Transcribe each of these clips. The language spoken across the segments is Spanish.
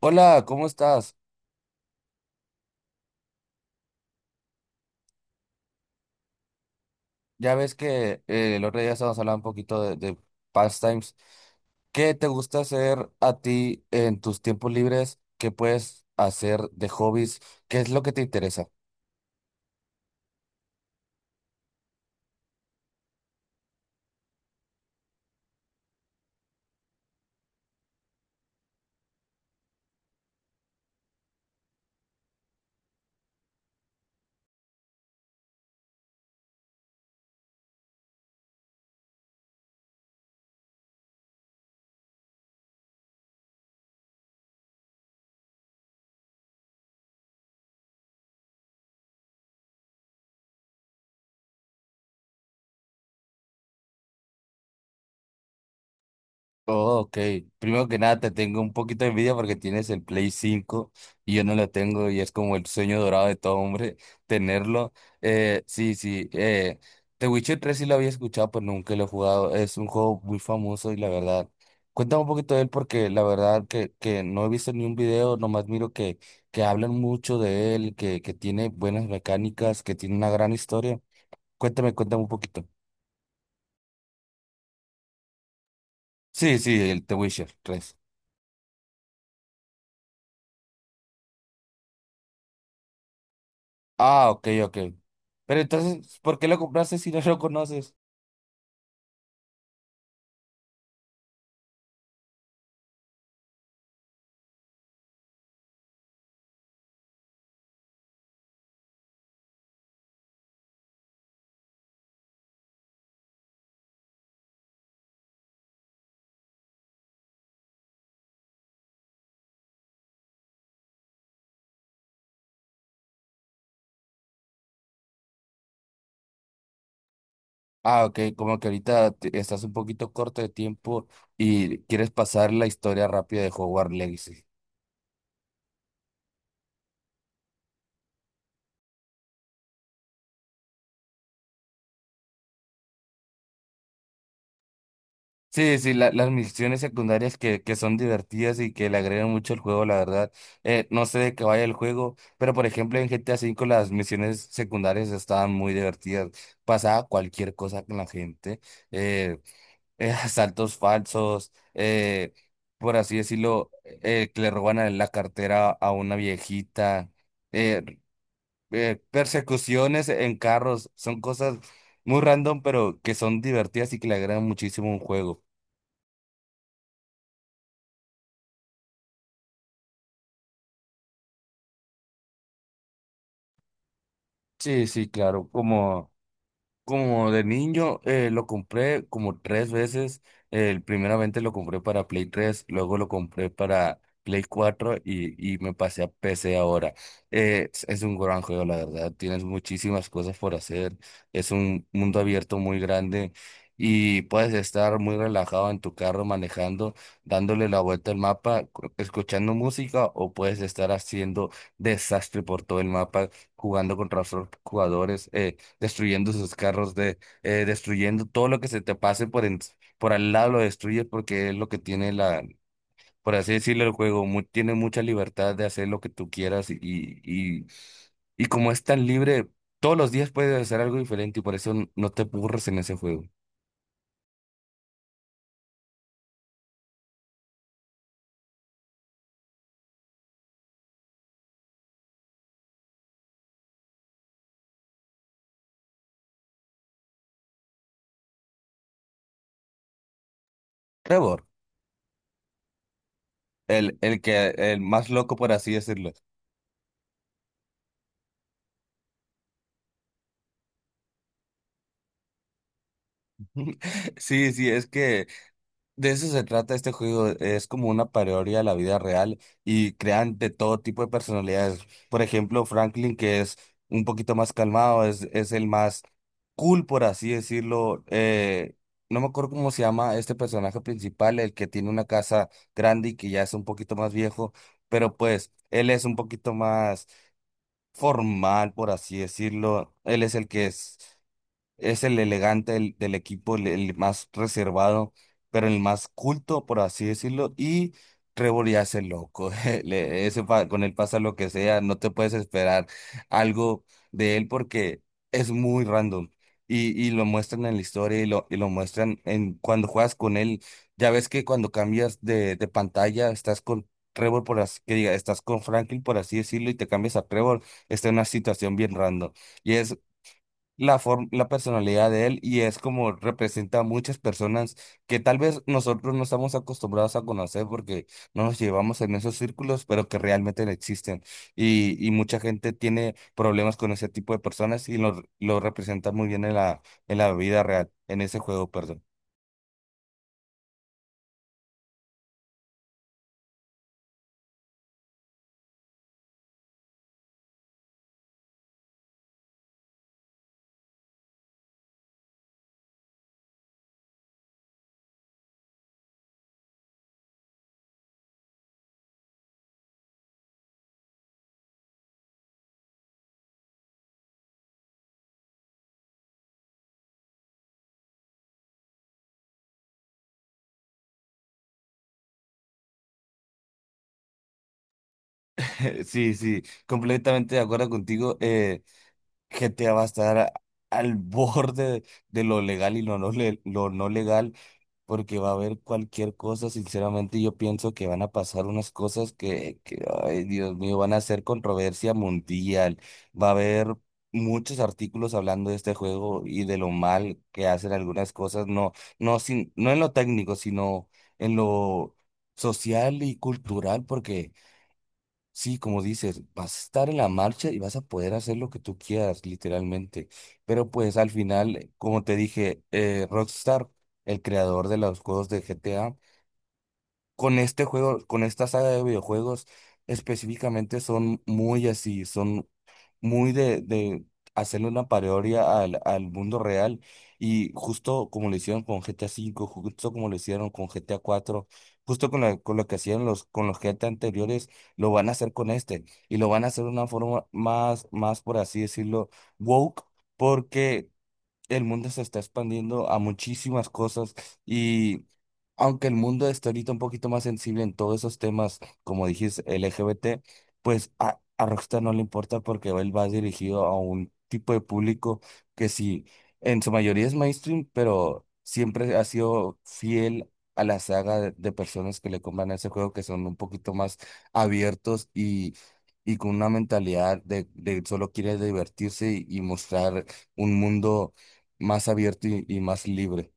Hola, ¿cómo estás? Ya ves que el otro día estábamos hablando un poquito de pastimes. ¿Qué te gusta hacer a ti en tus tiempos libres? ¿Qué puedes hacer de hobbies? ¿Qué es lo que te interesa? Oh, ok. Primero que nada, te tengo un poquito de envidia porque tienes el Play 5 y yo no lo tengo y es como el sueño dorado de todo hombre tenerlo. Sí, sí. The Witcher tres sí lo había escuchado, pero nunca lo he jugado. Es un juego muy famoso y la verdad, cuéntame un poquito de él porque la verdad que no he visto ni un video, nomás miro que hablan mucho de él, que tiene buenas mecánicas, que tiene una gran historia. Cuéntame un poquito. Sí, sí, el The Witcher tres. Ah, ok, ok. Pero entonces, ¿por qué lo compraste si no lo conoces? Ah, ok, como que ahorita estás un poquito corto de tiempo y quieres pasar la historia rápida de Hogwarts Legacy. Sí, sí, las misiones secundarias que son divertidas y que le agregan mucho al juego, la verdad. No sé de qué vaya el juego, pero por ejemplo en GTA 5 las misiones secundarias estaban muy divertidas. Pasaba cualquier cosa con la gente. eh, asaltos falsos, por así decirlo, que le roban la cartera a una viejita, eh, persecuciones en carros, son cosas muy random, pero que son divertidas y que le agradan muchísimo a un juego. Sí, sí, claro, como... Como de niño, lo compré como tres veces. Primeramente lo compré para Play tres, luego lo compré para Play 4 y me pasé a PC ahora. Es un gran juego, la verdad. Tienes muchísimas cosas por hacer. Es un mundo abierto muy grande y puedes estar muy relajado en tu carro manejando, dándole la vuelta al mapa, escuchando música o puedes estar haciendo desastre por todo el mapa, jugando contra otros jugadores. Destruyendo sus carros, destruyendo todo lo que se te pase por al lado, lo destruyes porque es lo que tiene por así decirlo, el juego, tiene mucha libertad de hacer lo que tú quieras y como es tan libre, todos los días puedes hacer algo diferente y por eso no te aburres en ese juego. Trevor, el más loco, por así decirlo. Sí, sí, es que de eso se trata este juego, es como una parodia a la vida real y crean de todo tipo de personalidades. Por ejemplo, Franklin, que es un poquito más calmado, es el más cool, por así decirlo. No me acuerdo cómo se llama este personaje principal, el que tiene una casa grande y que ya es un poquito más viejo, pero pues él es un poquito más formal, por así decirlo. Él es el que es. Es el elegante del equipo, el más reservado, pero el más culto, por así decirlo. Y Trevor ya es el loco. Con él pasa lo que sea. No te puedes esperar algo de él porque es muy random. Y lo muestran en la historia y lo muestran en cuando juegas con él. Ya ves que cuando cambias de pantalla, estás con Trevor, por así que diga, estás con Franklin, por así decirlo, y te cambias a Trevor, está en una situación bien random. Y es la forma, la personalidad de él y es como representa a muchas personas que tal vez nosotros no estamos acostumbrados a conocer porque no nos llevamos en esos círculos, pero que realmente no existen. Y mucha gente tiene problemas con ese tipo de personas lo representa muy bien en en la vida real, en ese juego, perdón. Sí, sí, completamente de acuerdo contigo. GTA va a estar al borde de lo legal y lo no, lo no legal porque va a haber cualquier cosa, sinceramente yo pienso que van a pasar unas cosas ay Dios mío, van a ser controversia mundial, va a haber muchos artículos hablando de este juego y de lo mal que hacen algunas cosas, no en lo técnico, sino en lo social y cultural, porque... Sí, como dices, vas a estar en la marcha y vas a poder hacer lo que tú quieras, literalmente. Pero pues al final, como te dije, Rockstar, el creador de los juegos de GTA, con este juego, con esta saga de videojuegos, específicamente son muy así, son muy de hacerle una parodia al mundo real y justo como lo hicieron con GTA 5, justo como lo hicieron con GTA 4, justo con lo que hacían con los GTA anteriores, lo van a hacer con este y lo van a hacer de una forma más por así decirlo, woke. Porque el mundo se está expandiendo a muchísimas cosas y aunque el mundo está ahorita un poquito más sensible en todos esos temas, como dijiste, LGBT, pues a Rockstar no le importa porque él va dirigido a un tipo de público que sí, en su mayoría es mainstream, pero siempre ha sido fiel a la saga de personas que le compran ese juego, que son un poquito más abiertos y con una mentalidad de solo quiere divertirse y mostrar un mundo más abierto y más libre.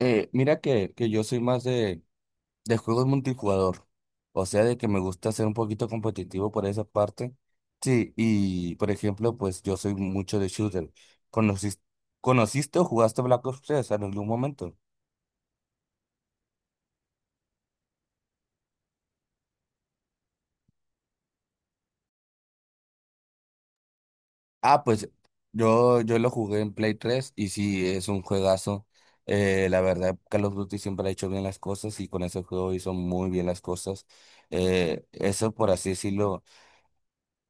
Mira que yo soy más de juegos multijugador, o sea, de que me gusta ser un poquito competitivo por esa parte. Sí, y por ejemplo, pues yo soy mucho de shooter. ¿Conociste, ¿conociste o jugaste Black Ops tres en algún momento? Ah, pues yo lo jugué en Play 3 y sí, es un juegazo. La verdad, Call of Duty siempre ha hecho bien las cosas y con ese juego hizo muy bien las cosas. Eso, por así decirlo,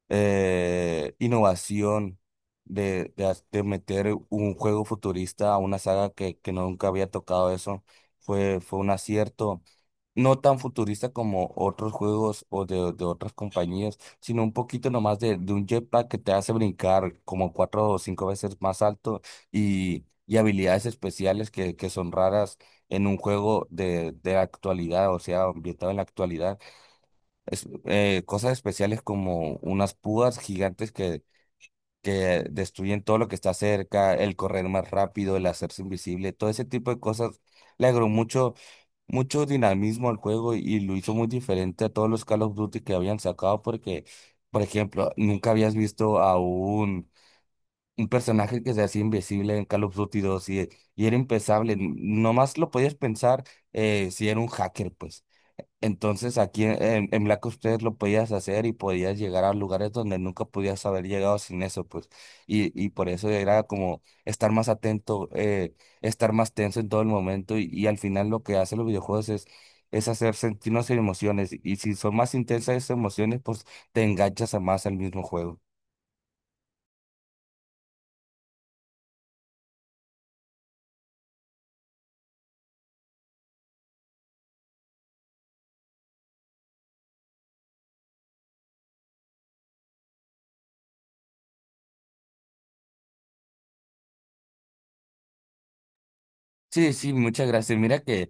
innovación de meter un juego futurista a una saga que nunca había tocado eso. Fue un acierto, no tan futurista como otros juegos o de otras compañías, sino un poquito nomás de un jetpack que te hace brincar como cuatro o cinco veces más alto y habilidades especiales que son raras en un juego de la actualidad, o sea, ambientado en la actualidad cosas especiales como unas púas gigantes que destruyen todo lo que está cerca, el correr más rápido, el hacerse invisible, todo ese tipo de cosas le agregó mucho, mucho dinamismo al juego y lo hizo muy diferente a todos los Call of Duty que habían sacado porque, por ejemplo, nunca habías visto a un personaje que se hacía invisible en Call of Duty 2 y era impensable, nomás lo podías pensar si era un hacker, pues. Entonces aquí en Black Ops 3 lo podías hacer y podías llegar a lugares donde nunca podías haber llegado sin eso, pues. Y por eso era como estar más atento, estar más tenso en todo el momento y al final lo que hacen los videojuegos es hacer sentirnos emociones y si son más intensas esas emociones, pues te enganchas a más al mismo juego. Sí, sí, muchas gracias. Mira que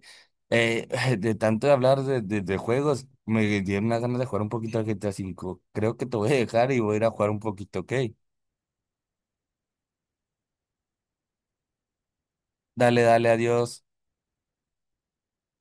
eh, de tanto de hablar de juegos, me dieron unas ganas de jugar un poquito al GTA cinco. Creo que te voy a dejar y voy a ir a jugar un poquito, ¿ok? Dale, dale, adiós.